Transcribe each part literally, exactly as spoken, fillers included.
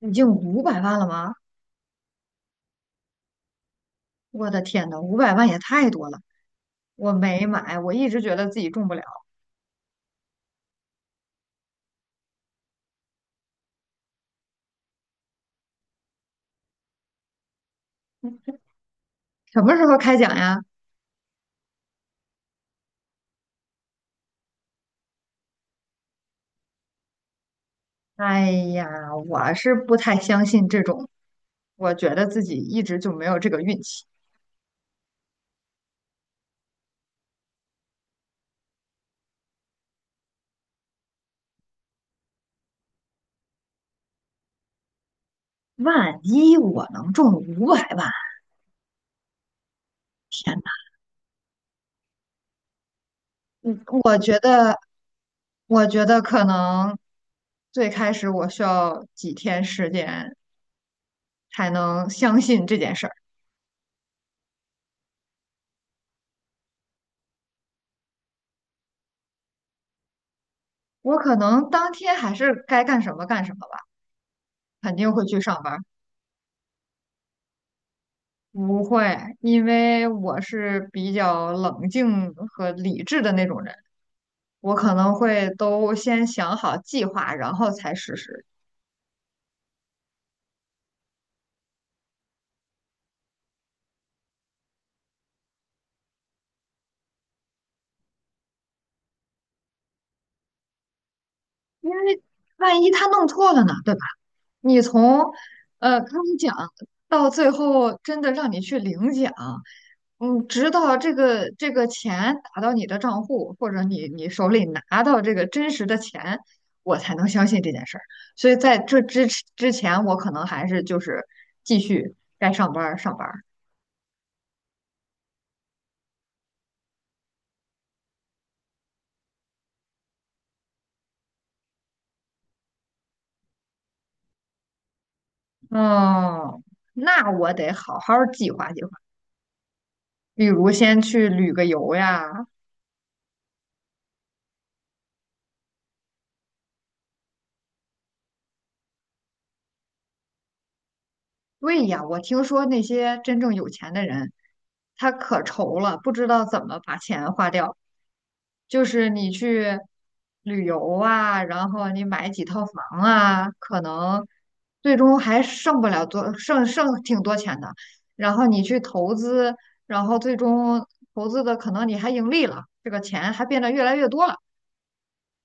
已经五百万了吗？我的天呐，五百万也太多了！我没买，我一直觉得自己中不了。什么时候开奖呀？哎呀，我是不太相信这种，我觉得自己一直就没有这个运气。万一我能中五百万，天呐，嗯，我觉得，我觉得可能最开始我需要几天时间才能相信这件事儿。我可能当天还是该干什么干什么吧，肯定会去上班。不会，因为我是比较冷静和理智的那种人，我可能会都先想好计划，然后才实施。因为万一他弄错了呢，对吧？你从呃开讲到最后真的让你去领奖，嗯，直到这个这个钱打到你的账户，或者你你手里拿到这个真实的钱，我才能相信这件事儿。所以在这之之前，我可能还是就是继续该上班儿上班儿。嗯，那我得好好儿计划计划，比如先去旅个游呀。对呀，我听说那些真正有钱的人，他可愁了，不知道怎么把钱花掉。就是你去旅游啊，然后你买几套房啊，可能最终还剩不了多，剩剩挺多钱的。然后你去投资，然后最终投资的可能你还盈利了，这个钱还变得越来越多了。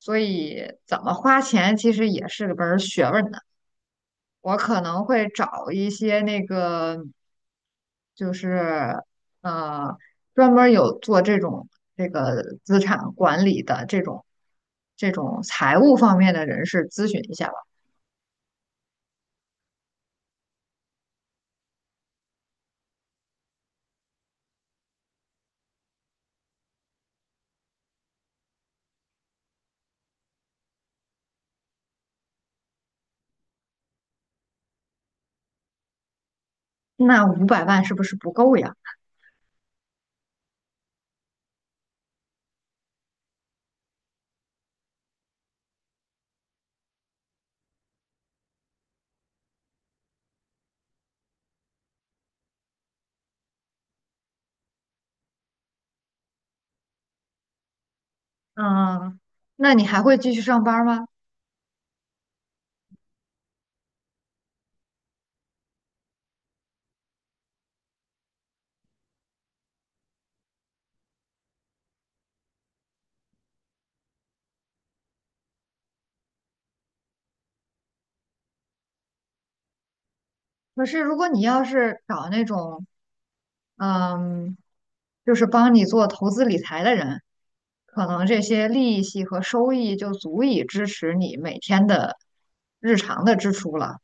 所以怎么花钱其实也是个门儿学问的。我可能会找一些那个。就是呃，专门儿有做这种这个资产管理的这种这种财务方面的人士咨询一下吧。那五百万是不是不够呀？嗯，那你还会继续上班儿吗？可是如果你要是找那种嗯，就是帮你做投资理财的人，可能这些利息和收益就足以支持你每天的日常的支出了。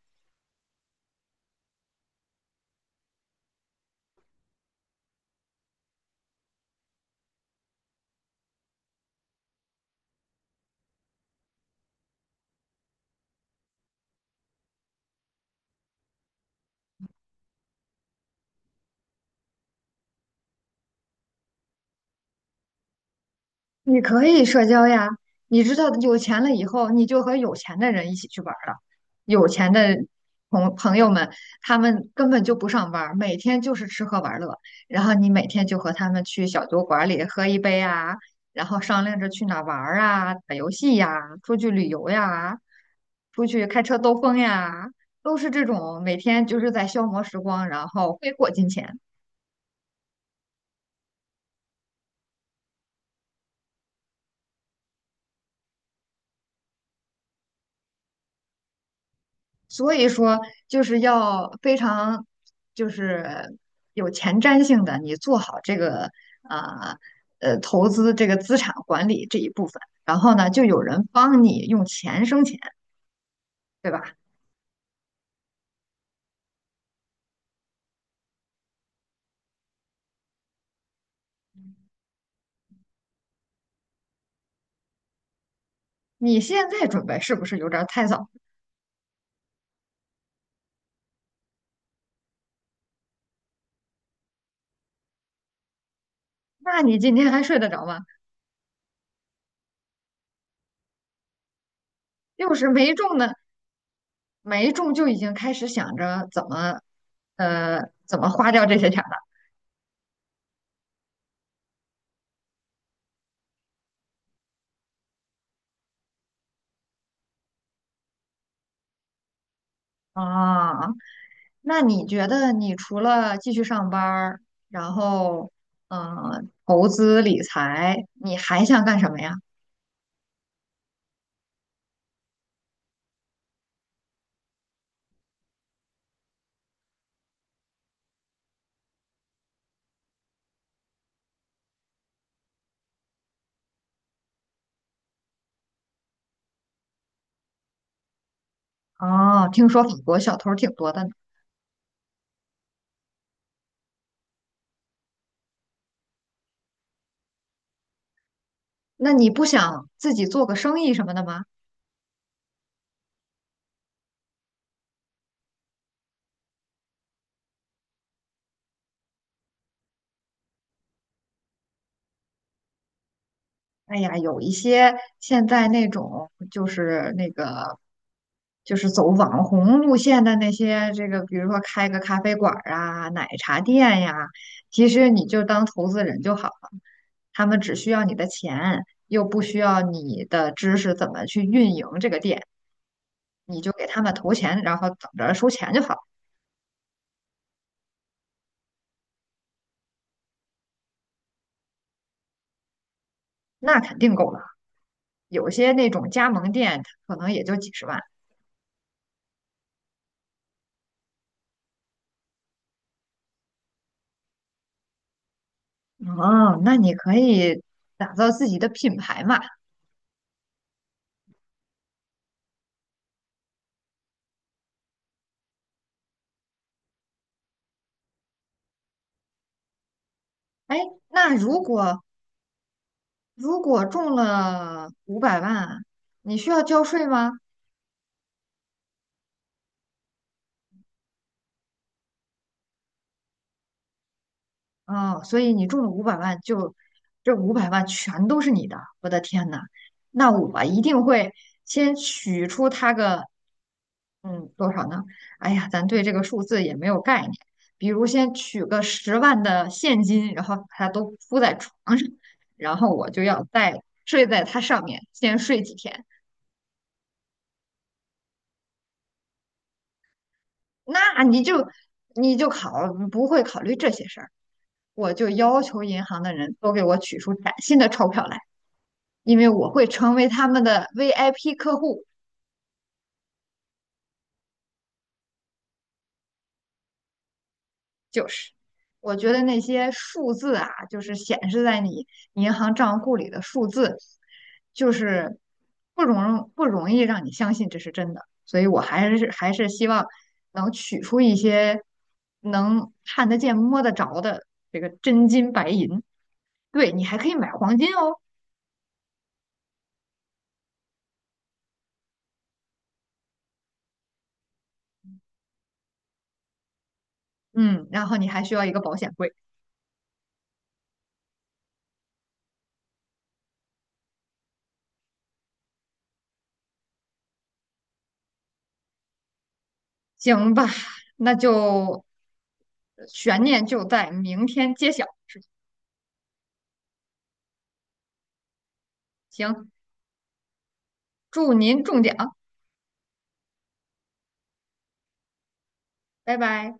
你可以社交呀，你知道有钱了以后，你就和有钱的人一起去玩儿了。有钱的朋朋友们，他们根本就不上班儿，每天就是吃喝玩乐。然后你每天就和他们去小酒馆里喝一杯啊，然后商量着去哪儿玩儿啊，打游戏呀，出去旅游呀，出去开车兜风呀，都是这种每天就是在消磨时光，然后挥霍金钱。所以说就是要非常就是有前瞻性的，你做好这个啊呃，投资这个资产管理这一部分，然后呢，就有人帮你用钱生钱，对吧？你现在准备是不是有点儿太早？那你今天还睡得着吗？又是没中呢，没中就已经开始想着怎么呃怎么花掉这些钱了啊。那你觉得你除了继续上班儿，然后嗯投资理财，你还想干什么呀？哦，听说法国小偷儿挺多的呢，那你不想自己做个生意什么的吗？哎呀，有一些现在那种就是那个就是走网红路线的那些，这个比如说开个咖啡馆儿啊、奶茶店呀，其实你就当投资人就好了他们只需要你的钱，又不需要你的知识怎么去运营这个店，你就给他们投钱，然后等着收钱就好，那肯定够了。有些那种加盟店可能也就几十万，哦，那你可以打造自己的品牌嘛。哎，那如果如果中了五百万，你需要交税吗？哦，所以你中了五百万就，这五百万全都是你的，我的天呐，那我一定会先取出它个，嗯，多少呢？哎呀，咱对这个数字也没有概念。比如先取个十万的现金，然后把它都铺在床上，然后我就要再睡在它上面，先睡几天。那你就你就考不会考虑这些事儿，我就要求银行的人都给我取出崭新的钞票来。因为我会成为他们的 V I P 客户。就是，我觉得那些数字啊，就是显示在你银行账户里的数字，就是不容不容易让你相信这是真的。所以我还是还是希望能取出一些能看得见、摸得着的这个真金白银。对，你还可以买黄金哦。嗯，然后你还需要一个保险柜。行吧，那就悬念就在明天揭晓。行，祝您中奖，拜拜。